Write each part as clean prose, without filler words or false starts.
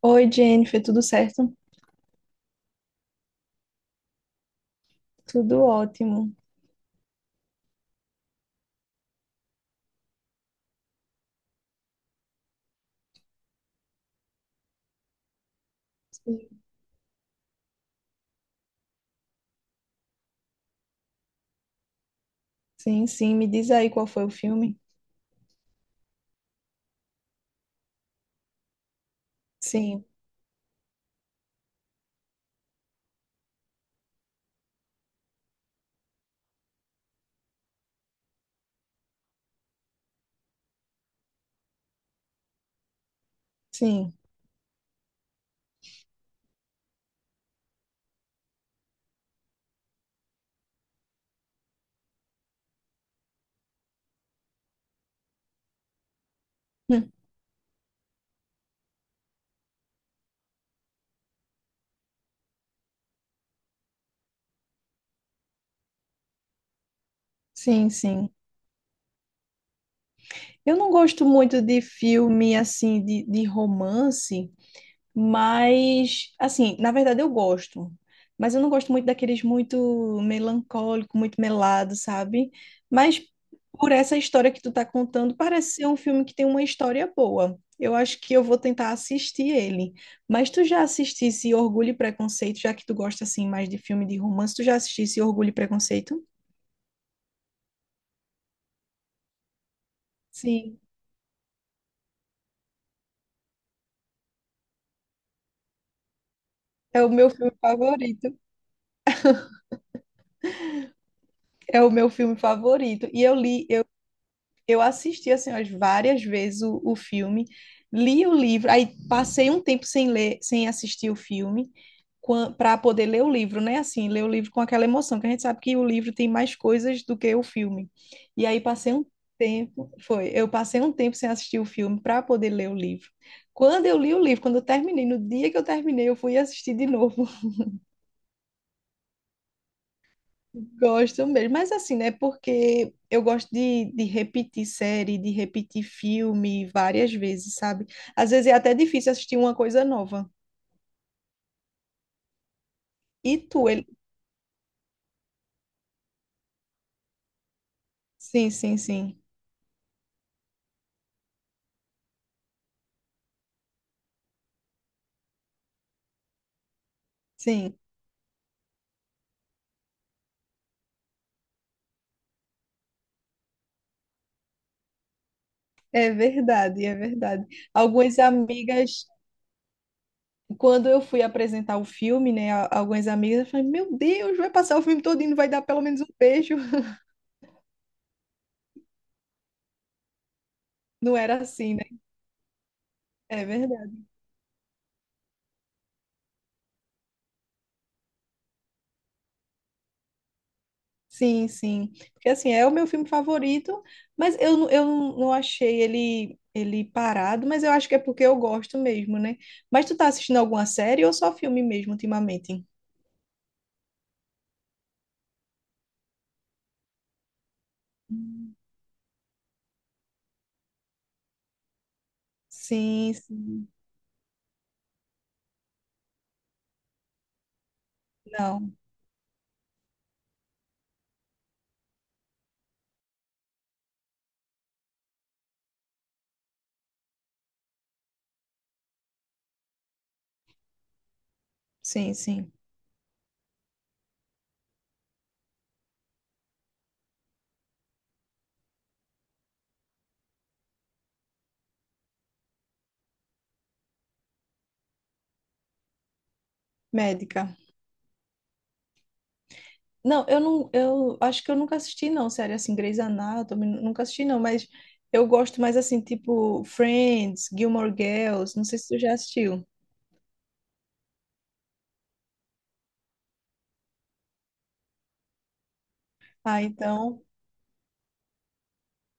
Oi, Jennifer, tudo certo? Tudo ótimo. Sim, sim. Me diz aí qual foi o filme. Sim, sim. Hum. Sim, sim. Eu não gosto muito de filme assim, de romance. Mas, assim, na verdade eu gosto. Mas eu não gosto muito daqueles muito melancólico, muito melado, sabe? Mas por essa história que tu tá contando, parece ser um filme que tem uma história boa. Eu acho que eu vou tentar assistir ele. Mas tu já assistisse Orgulho e Preconceito? Já que tu gosta assim mais de filme de romance, tu já assistisse Orgulho e Preconceito? Sim, é o meu filme favorito. É o meu filme favorito. E eu li, eu assisti assim umas várias vezes o filme, li o livro, aí passei um tempo sem ler, sem assistir o filme, para poder ler o livro, né? Assim, ler o livro com aquela emoção, que a gente sabe que o livro tem mais coisas do que o filme. E aí passei um tempo, foi, eu passei um tempo sem assistir o filme para poder ler o livro. Quando eu li o livro, quando eu terminei, no dia que eu terminei, eu fui assistir de novo. Gosto mesmo, mas assim, né? Porque eu gosto de repetir série, de repetir filme várias vezes, sabe? Às vezes é até difícil assistir uma coisa nova. E tu, ele. Sim, sim, sim, sim. É verdade, é verdade. Algumas amigas, quando eu fui apresentar o filme, né? Algumas amigas falaram, meu Deus, vai passar o filme todo e não vai dar pelo menos um beijo. Não era assim, né? É verdade. Sim, sim. Porque assim, é o meu filme favorito, mas eu, eu não achei ele, ele parado, mas eu acho que é porque eu gosto mesmo, né? Mas tu tá assistindo alguma série ou só filme mesmo ultimamente? Hum. Sim, sim. Não, sim, sim. Médica. Não, eu não, eu acho que eu nunca assisti, não, série assim, Grey's Anatomy, nunca assisti, não, mas eu gosto mais assim, tipo Friends, Gilmore Girls, não sei se tu já assistiu. Ah, então.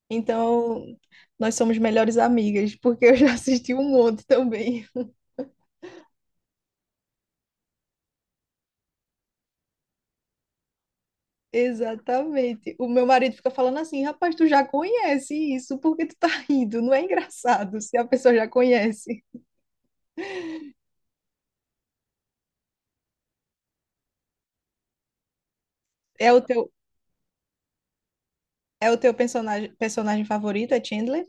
Então, nós somos melhores amigas, porque eu já assisti um monte também. Exatamente. O meu marido fica falando assim, rapaz, tu já conhece isso, por que tu tá rindo? Não é engraçado se a pessoa já conhece. É o teu, é o teu personagem, personagem favorito, é Chandler?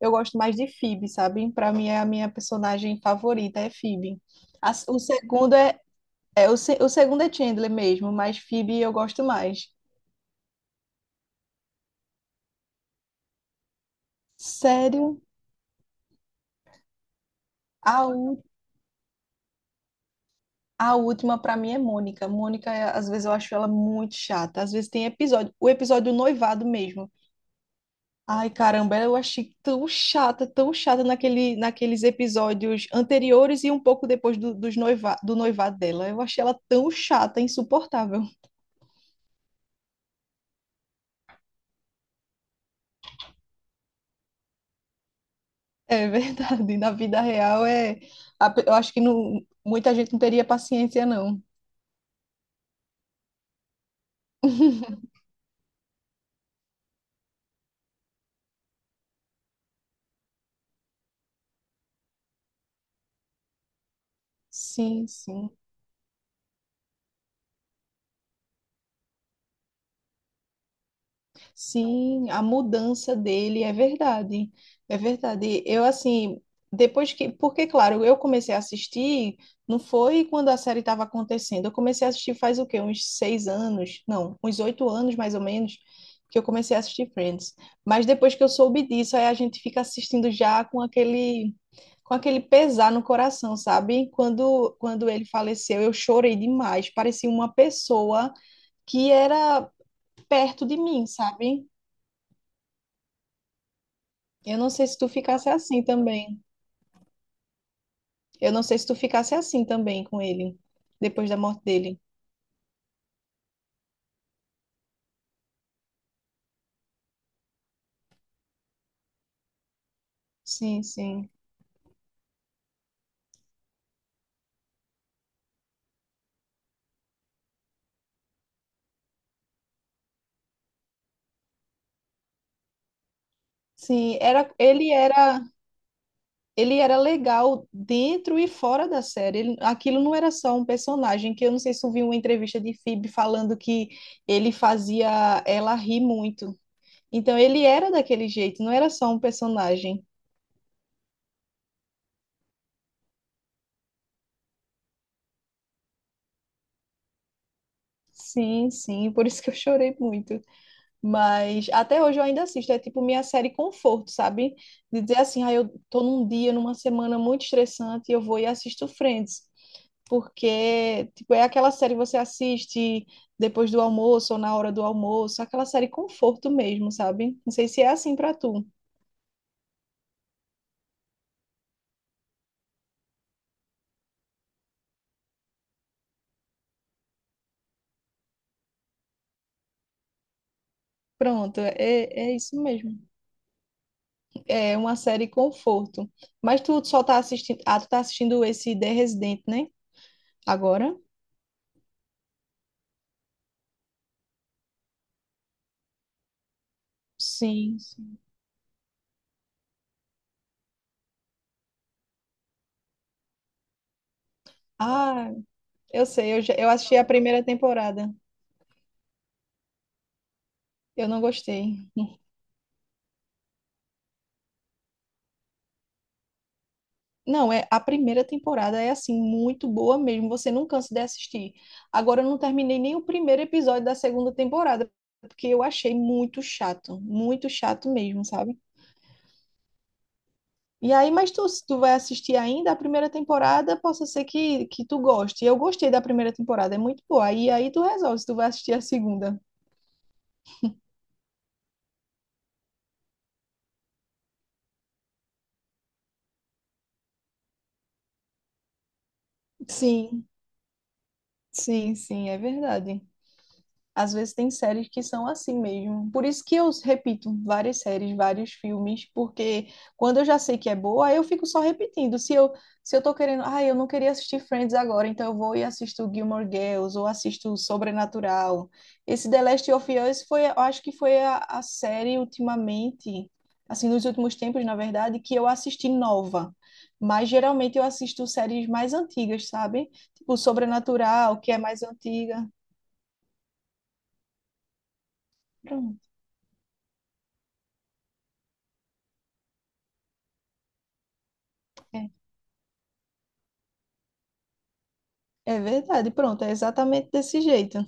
Eu gosto mais de Phoebe, sabe? Pra mim é a minha personagem favorita, é Phoebe. O segundo é, é o, o segundo é Chandler mesmo, mas Phoebe eu gosto mais. Sério? Ah, a última pra mim é Mônica. Mônica, às vezes eu acho ela muito chata. Às vezes tem episódio, o episódio do noivado mesmo. Ai, caramba, eu achei tão chata naquele, naqueles episódios anteriores e um pouco depois do, dos do noivado dela. Eu achei ela tão chata, insuportável. É verdade, na vida real é, eu acho que não, muita gente não teria paciência, não. Sim, sim. Sim, a mudança dele é verdade. É verdade. Eu, assim, depois que. Porque, claro, eu comecei a assistir, não foi quando a série estava acontecendo. Eu comecei a assistir faz o quê? Uns 6 anos? Não, uns 8 anos mais ou menos, que eu comecei a assistir Friends. Mas depois que eu soube disso, aí a gente fica assistindo já com aquele. Com aquele pesar no coração, sabe? Quando, quando ele faleceu, eu chorei demais. Parecia uma pessoa que era perto de mim, sabe? Eu não sei se tu ficasse assim também. Eu não sei se tu ficasse assim também com ele, depois da morte dele. Sim, sim. Sim, era, ele era, ele era legal dentro e fora da série. Aquilo não era só um personagem, que eu não sei se tu viu uma entrevista de Phoebe falando que ele fazia ela rir muito. Então ele era daquele jeito, não era só um personagem. Sim, sim, por isso que eu chorei muito. Mas até hoje eu ainda assisto, é tipo minha série conforto, sabe? De dizer assim, ah, eu tô num dia, numa semana muito estressante, eu vou e assisto Friends, porque tipo, é aquela série que você assiste depois do almoço ou na hora do almoço, aquela série conforto mesmo, sabe? Não sei se é assim pra tu. Pronto, é, é isso mesmo. É uma série conforto. Mas tu só tá assistindo, ah, tu tá assistindo esse The Resident, né? Agora? Sim, sim. Ah, eu sei, eu, eu assisti a primeira temporada. Eu não gostei. Não, é a primeira temporada é assim muito boa mesmo, você não cansa de assistir. Agora eu não terminei nem o primeiro episódio da segunda temporada, porque eu achei muito chato mesmo, sabe? E aí, mas tu, se tu vai assistir ainda a primeira temporada, possa ser que tu goste. Eu gostei da primeira temporada, é muito boa. E aí tu resolve se tu vai assistir a segunda. Sim, sim, é verdade. Às vezes tem séries que são assim mesmo. Por isso que eu repito várias séries, vários filmes, porque quando eu já sei que é boa, aí eu fico só repetindo. Se eu, se eu tô querendo, ah, eu não queria assistir Friends agora, então eu vou e assisto Gilmore Girls ou assisto Sobrenatural. Esse The Last of Us foi, eu acho que foi a série ultimamente, assim, nos últimos tempos, na verdade, que eu assisti nova. Mas geralmente eu assisto séries mais antigas, sabe? Tipo Sobrenatural, que é mais antiga. Pronto. É. É verdade, pronto, é exatamente desse jeito.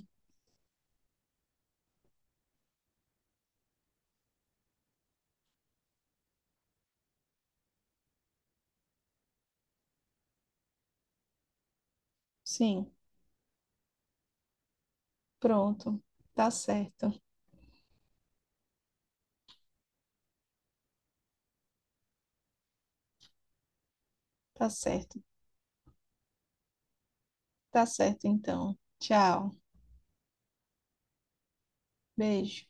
Sim, pronto. Tá certo, tá certo, tá certo então. Tchau, beijo.